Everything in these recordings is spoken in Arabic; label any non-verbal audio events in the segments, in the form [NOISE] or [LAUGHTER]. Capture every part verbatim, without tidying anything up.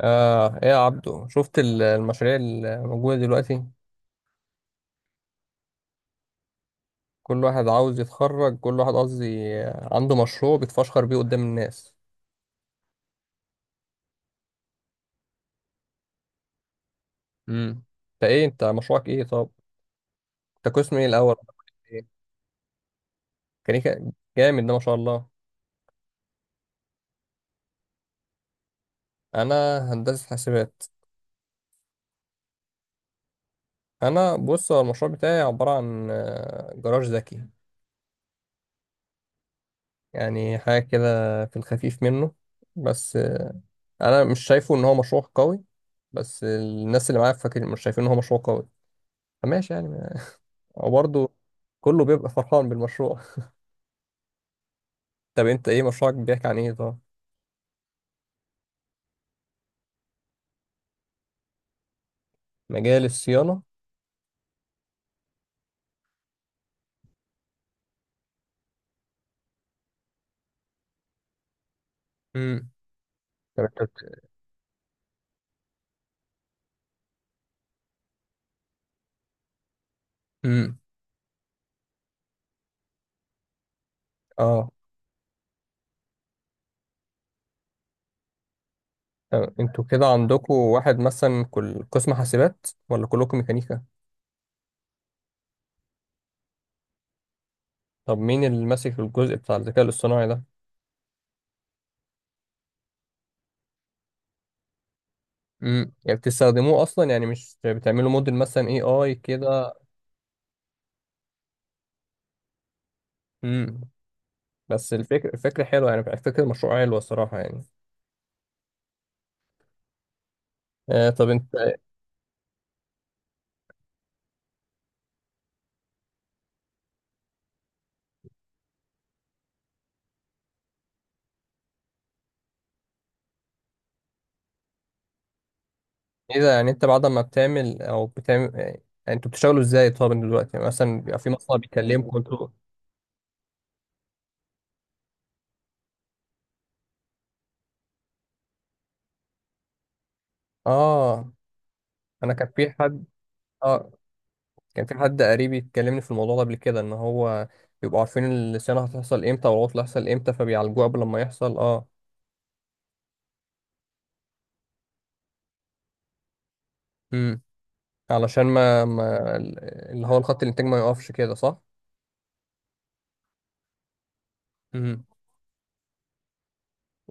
آه ايه يا عبدو، شفت ال- المشاريع الموجودة دلوقتي؟ كل واحد عاوز يتخرج، كل واحد قصدي عنده مشروع بيتفشخر بيه قدام الناس. امم انت ايه انت مشروعك ايه طب؟ انت قسم ايه الاول؟ إيه؟ ميكانيكا؟ جامد ده، ما شاء الله. انا هندسة حاسبات. انا بص، هو المشروع بتاعي عبارة عن آه، جراج ذكي. يعني حاجة كده في الخفيف منه. بس آه، انا مش شايفه ان هو مشروع قوي. بس الناس اللي معايا فاكر مش شايفين ان هو مشروع قوي، فماشي يعني. وبرضه كله بيبقى فرحان بالمشروع. [LAUGHS] طب، انت ايه مشروعك بيحكي عن ايه طب؟ مجال الصيانة. امم طب انت بت- امم اه طب، انتوا كده عندكم واحد مثلا، كل قسم حاسبات ولا كلكم ميكانيكا؟ طب مين اللي ماسك الجزء بتاع الذكاء الاصطناعي ده؟ امم يعني بتستخدموه اصلا، يعني مش بتعملوا موديل مثلا اي اي كده؟ امم بس الفكرة الفكرة حلوة، يعني فكرة المشروع حلوة الصراحة يعني. آه طب انت ايه؟ ده يعني انت بعد ما بتعمل او بتعمل يعني، انتوا بتشتغلوا ازاي طب دلوقتي؟ يعني مثلا بيبقى في مصنع بيكلمكم، [LAUGHS] انتوا. اه انا كان في حد اه كان في حد قريبي يتكلمني في الموضوع ده قبل كده، ان هو بيبقوا عارفين الصيانه هتحصل امتى والعطل هيحصل امتى، فبيعالجوه قبل ما يحصل. اه. امم علشان ما, ما ال- اللي هو الخط الانتاج ما يقفش كده، صح؟ امم.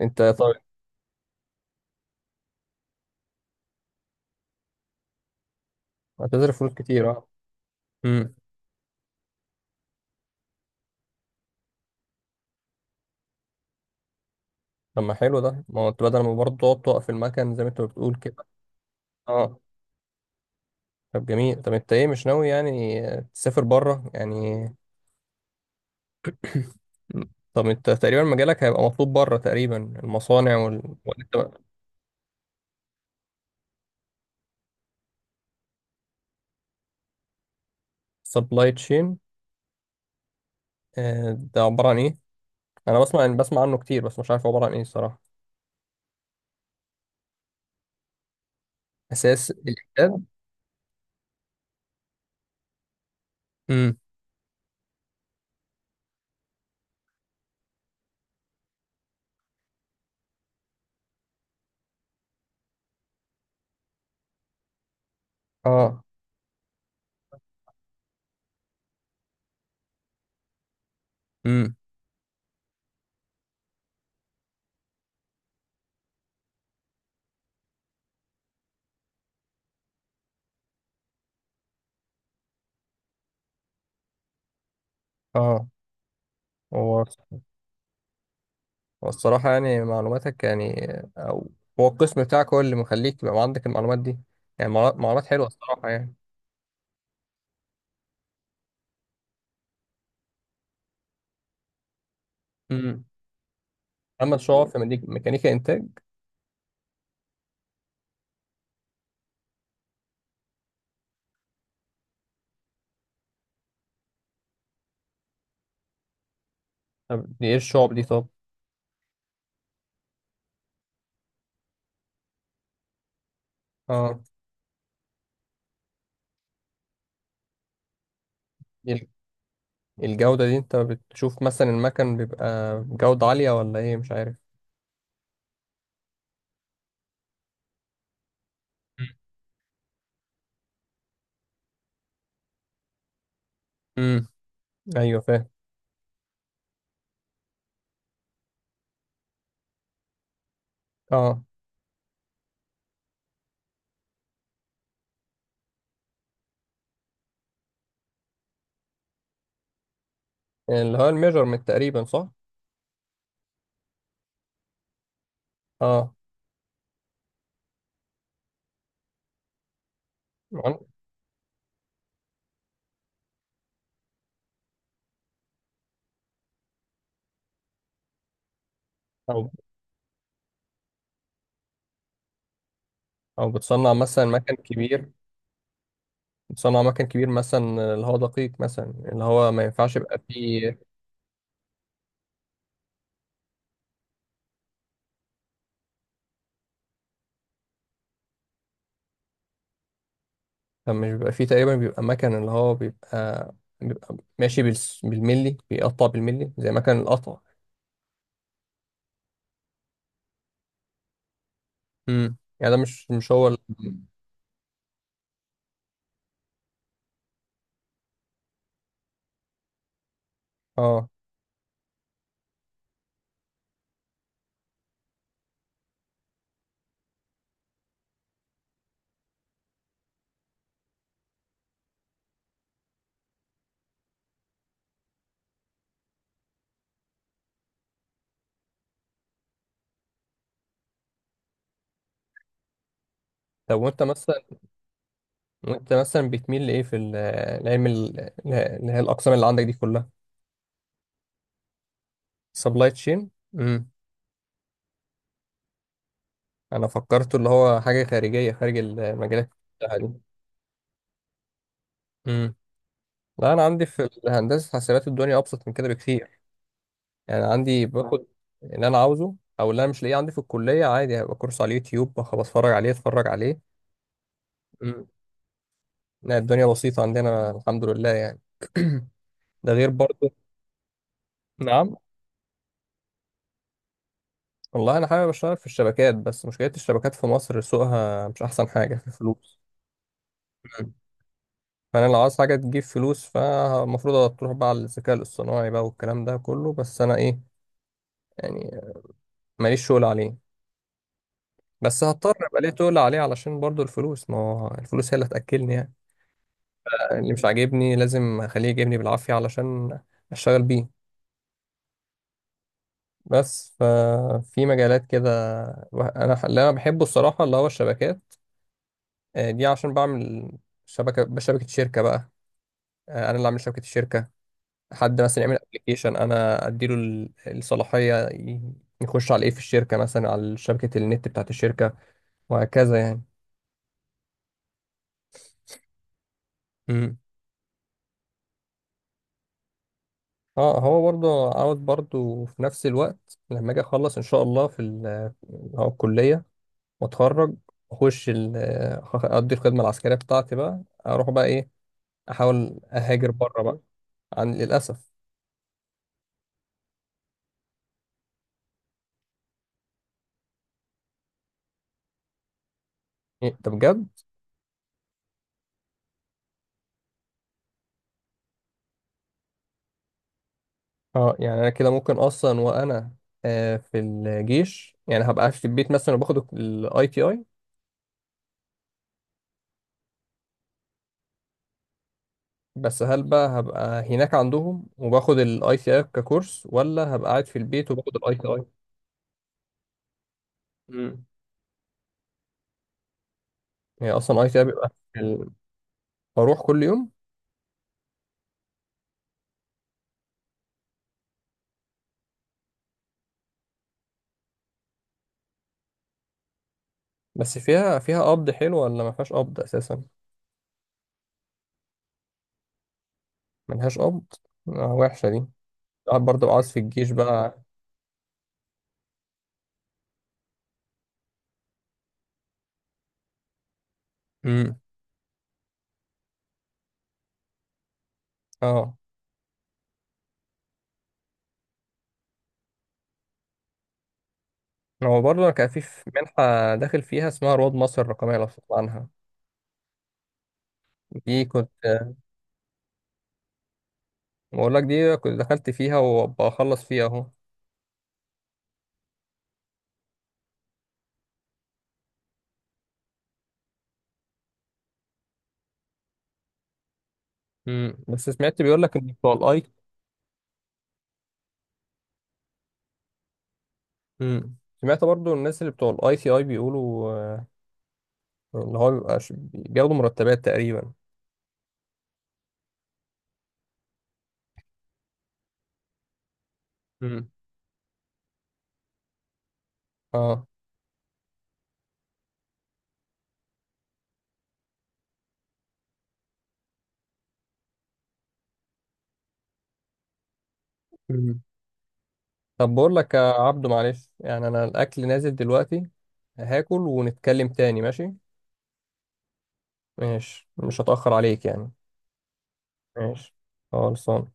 انت طيب. هتصرف فلوس كتير. اه. امم. طب ما حلو ده، ما هو انت بدل ما برضه تقعد توقف المكن زي ما انت بتقول كده. اه. طب جميل، طب انت ايه مش ناوي يعني تسافر بره يعني؟ طب انت تقريبا مجالك هيبقى مطلوب بره تقريبا، المصانع وال... سبلاي تشين؟ ده عبارة عن ايه؟ انا بسمع بسمع عنه كتير بس مش عارف هو عبارة عن ايه الصراحة. اساس الاحداد؟ امم. اه. امم. اه. هو هو الصراحة يعني معلوماتك يعني، او هو القسم بتاعك هو اللي مخليك يبقى عندك المعلومات دي؟ يعني معلومات معلومات حلوة الصراحة يعني. امم. اما الشعب في ميكانيكا انتاج. طب دي ايه الشعب دي طب؟ اه. ال- الجودة دي انت بتشوف مثلا المكن بيبقى جودة عالية ولا ايه، مش عارف. امم، ايوه فاهم. اه، اللي هو الميجرمنت تقريبا، صح؟ اه. عن- او او بتصنع مثلا مكن كبير، بتصنع مكن كبير مثلا اللي هو دقيق، مثلا اللي هو ما ينفعش يبقى فيه، مش بيبقى فيه تقريبا، بيبقى مكن اللي هو بيبقى، بيبقى ماشي بالس- بالملي، بيقطع بالملي زي مكن القطع. امم يعني ده مش مش هو ال- اه. طب وانت مثلا، وانت مثلا بتميل لايه في ال- العلم ال- اللي هي الاقسام اللي عندك دي كلها؟ سبلاي تشين. امم. انا فكرته اللي هو حاجه خارجيه، خارج المجالات بتاعها دي. امم. لا، انا عندي في الهندسه حاسبات الدنيا ابسط من كده بكتير. يعني عندي باخد اللي انا عاوزه، او اللي انا مش لاقيه عندي في الكليه عادي هيبقى كورس على اليوتيوب بخ- بتفرج عليه اتفرج عليه. امم. لا، الدنيا بسيطه عندنا، الحمد لله يعني. [CLEARS THROAT] ده غير برضه. نعم. والله انا حابب اشتغل في الشبكات، بس مشكله الشبكات في مصر سوقها مش احسن حاجه [LAUGHS] في الفلوس. مم. فانا لو عاوز حاجه تجيب فلوس فالمفروض تروح بقى على الذكاء الاصطناعي بقى والكلام ده كله، بس انا ايه يعني، ماليش شغل عليه. بس هضطر ابقى ليه تقول عليه علشان برضو الفلوس، ما هو الفلوس هي اللي هتاكلني يعني. اللي مش عاجبني لازم اخليه يجيبني بالعافيه علشان اشتغل بيه. بس ففي مجالات كده، انا اللي انا بحبه الصراحه اللي هو الشبكات. آه، دي عشان بعمل شبكه بشبكه شركه بقى. آه، انا اللي اعمل شبكه الشركه، حد مثلا يعمل ابلكيشن انا اديله ال- الصلاحيه ي- يخش على ايه في الشركه، مثلا على شبكه النت بتاعت الشركه، وهكذا يعني. امم. اه هو برضه عاوز برضه في نفس الوقت لما اجي اخلص ان شاء الله في ال- هو الكليه، واتخرج، اخش ال- أخ- اقضي الخدمه العسكريه بتاعتي بقى، اروح بقى ايه، احاول اهاجر بره بقى. عن للاسف. إيه، طب بجد؟ اه يعني انا كده ممكن اصلا، وانا آه في الجيش يعني هبقى في البيت مثلا وباخد الاي تي اي؟ بس هل بقى هبقى هناك عندهم وباخد الاي تي اي ككورس، ولا هبقى قاعد في البيت وباخد الاي تي اي؟ مم. هي اصلا اي تي اي بيبقى في ال- بروح كل يوم. بس فيها فيها قبض حلو ولا ما فيهاش قبض اساسا؟ ملهاش قبض؟ آه، وحشه دي. قاعد برضه بقى عايز في الجيش بقى. امم. اه هو برضه انا كان في في منحه داخل فيها اسمها رواد مصر الرقميه، لو تسمع عنها. دي كنت... بقول لك، دي كنت دخلت فيها وبخلص فيها اهو. امم. بس سمعت بيقول لك ان بتوع الاي... امم. سمعت برضو الناس اللي بتوع الاي سي اي بيقولوا، آه، ان هو بيبقى ش- بياخدوا مرتبات تقريبا. امم. اه. امم. طب بقول لك يا عبدو، معلش يعني، انا الاكل نازل دلوقتي، هاكل ونتكلم تاني، ماشي؟ ماشي، مش هتأخر عليك يعني. ماشي. خلصان.